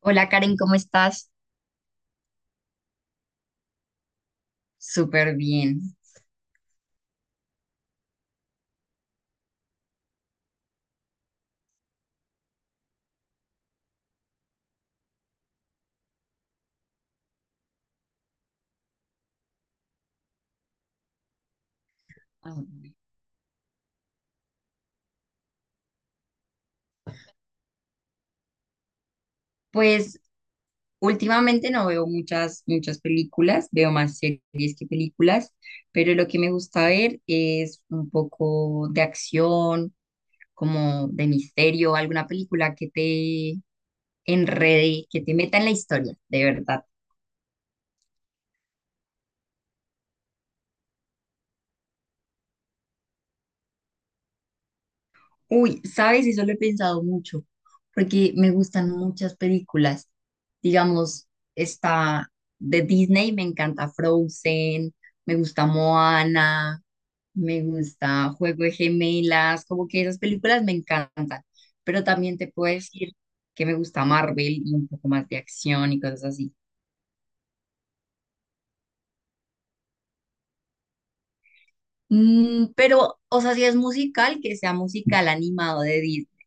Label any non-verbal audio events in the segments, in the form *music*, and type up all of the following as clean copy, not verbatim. Hola Karen, ¿cómo estás? Súper bien. Ah, bueno. Pues últimamente no veo muchas películas, veo más series que películas, pero lo que me gusta ver es un poco de acción, como de misterio, alguna película que te enrede, que te meta en la historia, de verdad. Uy, sabes, eso lo he pensado mucho, porque me gustan muchas películas. Digamos, está de Disney, me encanta Frozen, me gusta Moana, me gusta Juego de Gemelas, como que esas películas me encantan. Pero también te puedo decir que me gusta Marvel y un poco más de acción y cosas así. Mm, pero, o sea, si es musical, que sea musical animado de Disney.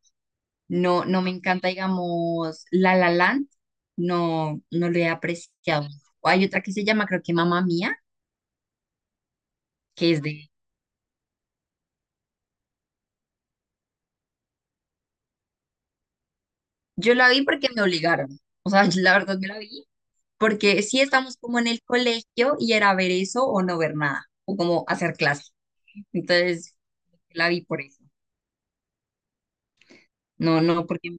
No, no me encanta, digamos, La La Land, no lo he apreciado. O hay otra que se llama, creo que Mamá Mía, que es de... Yo la vi porque me obligaron, o sea, *laughs* la verdad me la vi, porque sí estamos como en el colegio y era ver eso o no ver nada, o como hacer clase. Entonces, la vi por eso. No, no, porque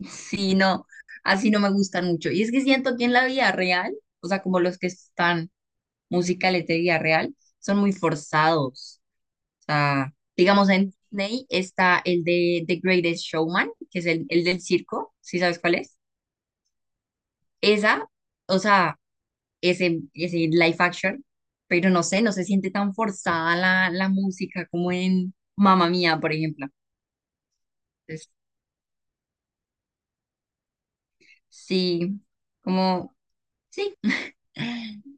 sí, no, así no me gustan mucho. Y es que siento que en la vida real, o sea, como los que están musicales de vida real, son muy forzados sea, digamos en Disney está el de The Greatest Showman, que es el del circo, ¿si sabes cuál es? Esa, o sea, ese live action, pero no sé, no se siente tan forzada la música como en Mamma Mía, por ejemplo. Entonces, sí, como, sí.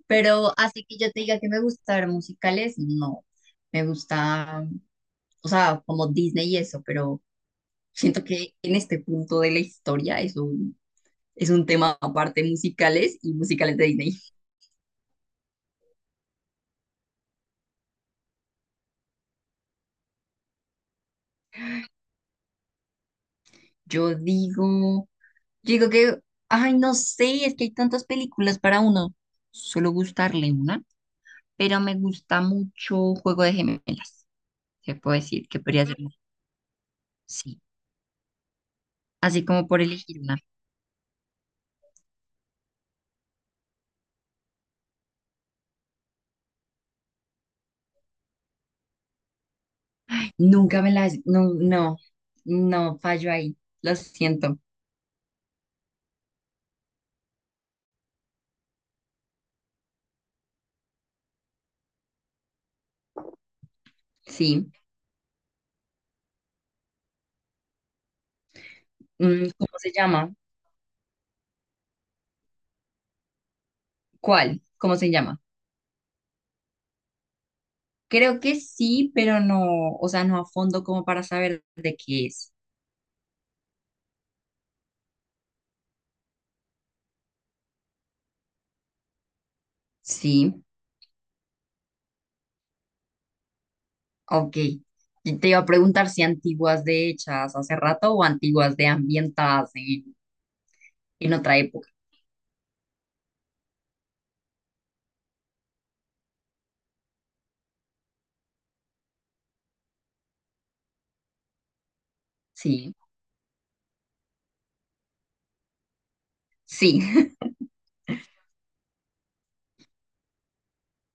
Pero así que yo te diga que me gusta ver musicales, no. Me gusta, o sea, como Disney y eso, pero siento que en este punto de la historia eso es un tema aparte musicales y musicales de Disney. Yo digo, yo digo que, ay, no sé, es que hay tantas películas para uno, solo gustarle una, pero me gusta mucho Juego de Gemelas. Se puede decir que podría ser, sí, así como por elegir una. Nunca me las, no, fallo ahí, lo siento, sí. Mm, ¿cómo se llama? ¿Cuál? ¿Cómo se llama? Creo que sí, pero no, o sea, no a fondo como para saber de qué es. Sí. Ok. Y te iba a preguntar si antiguas de hechas hace rato o antiguas de ambientadas en otra época. Sí, sí. *laughs*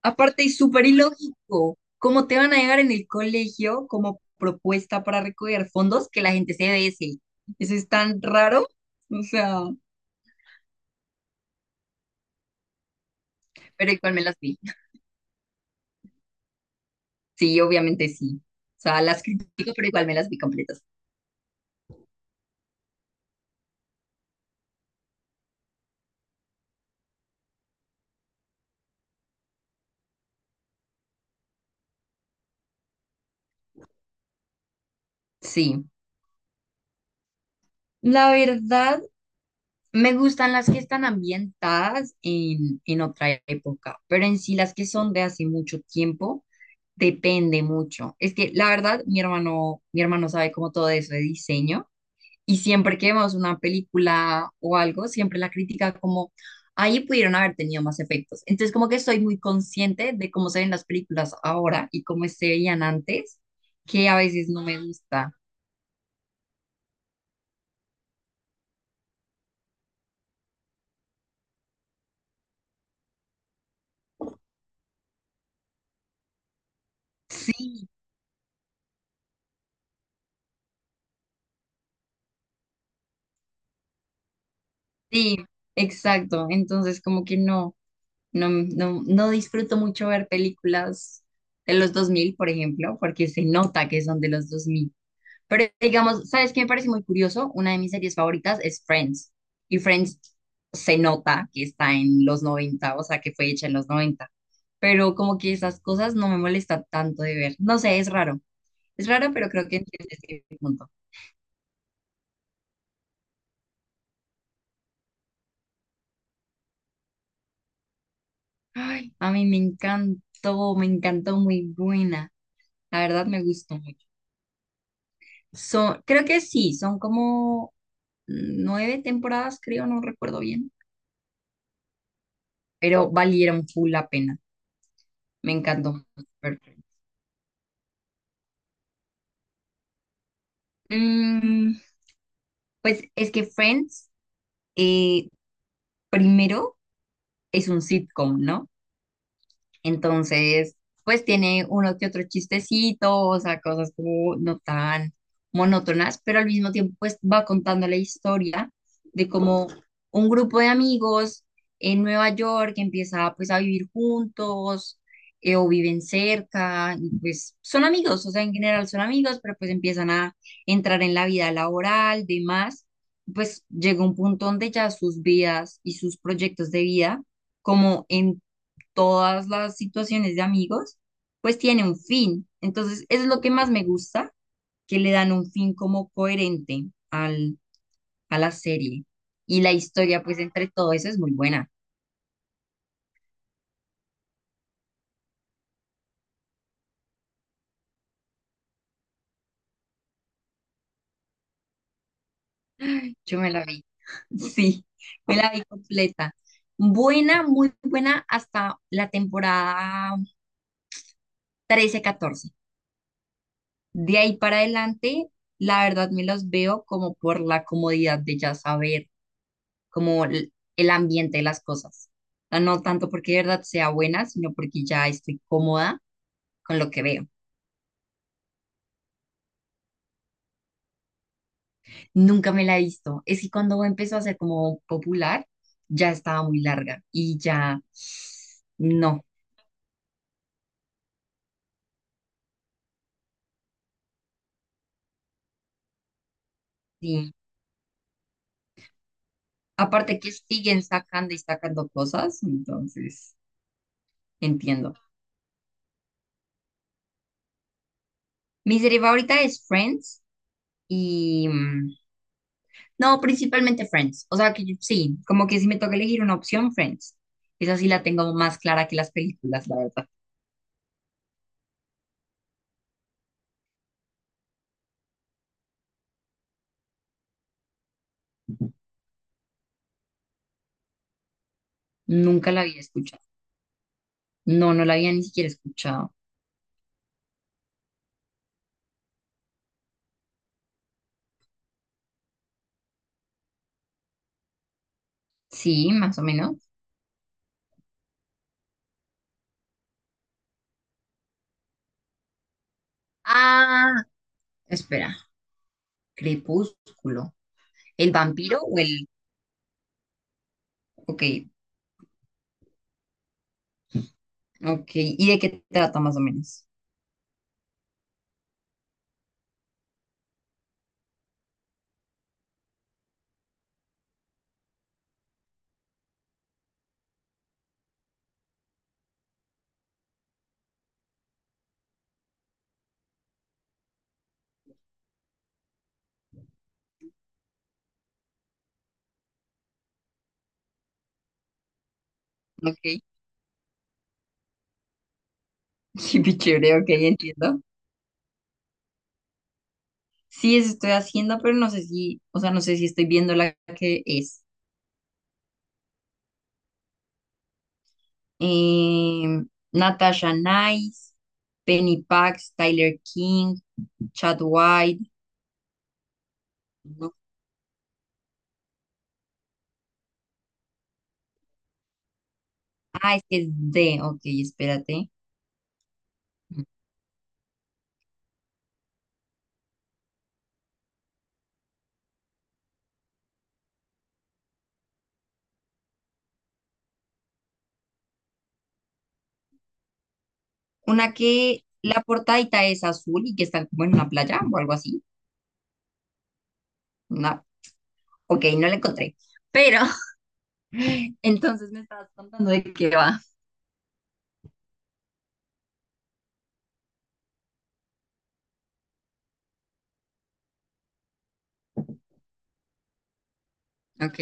Aparte, es súper ilógico. ¿Cómo te van a llegar en el colegio como propuesta para recoger fondos que la gente se dese? Eso es tan raro. O sea, pero igual me las vi. Sí, obviamente sí. O sea, las critico, pero igual me las vi completas. Sí. La verdad. Me gustan las que están ambientadas en otra época, pero en sí las que son de hace mucho tiempo, depende mucho. Es que la verdad, mi hermano sabe como todo eso de diseño y siempre que vemos una película o algo, siempre la critica como, ahí pudieron haber tenido más efectos. Entonces como que soy muy consciente de cómo se ven las películas ahora y cómo se veían antes, que a veces no me gusta. Sí, sí, exacto. Entonces como que no. No disfruto mucho ver películas de los 2000 por ejemplo, porque se nota que son de los 2000. Pero digamos, ¿sabes qué me parece muy curioso? Una de mis series favoritas es Friends. Y Friends se nota que está en los 90, o sea, que fue hecha en los 90. Pero como que esas cosas no me molesta tanto de ver. No sé, es raro. Es raro, pero creo que entiendes mi punto. Ay, a mí me encantó, muy buena. La verdad me gustó mucho. Son, creo que sí, son como 9 temporadas, creo, no recuerdo bien, pero valieron full la pena. Me encantó. Perfecto. Mm, pues es que Friends, eh, primero, es un sitcom, ¿no? Entonces, pues tiene uno que otro chistecito, o sea, cosas como no tan monótonas, pero al mismo tiempo pues va contando la historia de cómo un grupo de amigos en Nueva York empieza pues a vivir juntos, o viven cerca y pues son amigos, o sea, en general son amigos, pero pues empiezan a entrar en la vida laboral, demás, pues llega un punto donde ya sus vidas y sus proyectos de vida, como en todas las situaciones de amigos, pues tiene un fin. Entonces, eso es lo que más me gusta, que le dan un fin como coherente al, a la serie. Y la historia, pues entre todo eso es muy buena. Yo me la vi, *laughs* sí, me la vi completa. Buena, muy buena hasta la temporada 13, 14. De ahí para adelante, la verdad me los veo como por la comodidad de ya saber como el ambiente de las cosas. O sea, no tanto porque de verdad sea buena, sino porque ya estoy cómoda con lo que veo. Nunca me la he visto. Es que cuando empezó a ser como popular, ya estaba muy larga y ya no. Sí. Aparte que siguen sacando y sacando cosas, entonces entiendo. Mi serie favorita es Friends y... no, principalmente Friends. O sea que yo- sí, como que si me toca elegir una opción, Friends. Esa sí la tengo más clara que las películas, la verdad. Nunca la había escuchado. No, no la había ni siquiera escuchado. Sí, más o menos. Ah, espera. Crepúsculo. ¿El vampiro o el...? Ok, ok. ¿Y de qué trata más o menos? Ok. *laughs* Qué chévere, ok, entiendo. Sí, eso estoy haciendo, pero no sé si, o sea, no sé si estoy viendo la que es. Em, Natasha Nice, Penny Pax, Tyler King, Chad White. No, ah, es que es de, ok, espérate. Mm. Una que la portadita es azul y que están como en una playa o algo así. No, ok, no la encontré. Pero, *laughs* entonces, ¿contando de qué va? Ok,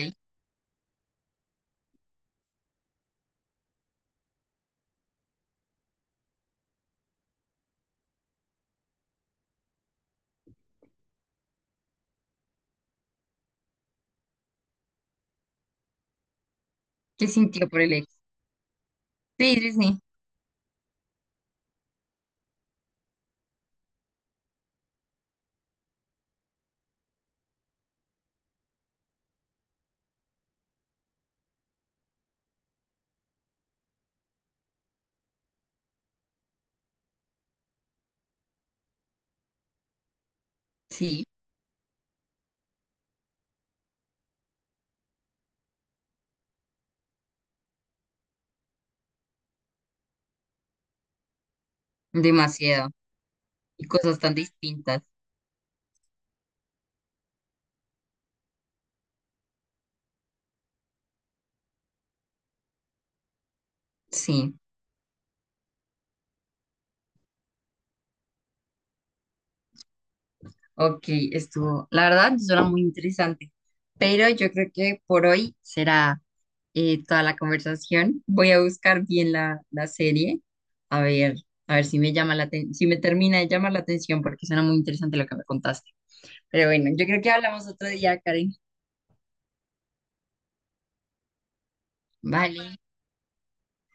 ¿qué sintió por el ex? Sí, sí, sí. Sí, demasiado. Y cosas tan distintas. Sí, ok, estuvo. La verdad, suena muy interesante. Pero yo creo que por hoy será. Toda la conversación. Voy a buscar bien la serie, a ver, a ver si me llama la aten- si me termina de llamar la atención, porque suena muy interesante lo que me contaste. Pero bueno, yo creo que hablamos otro día, Karen. Vale,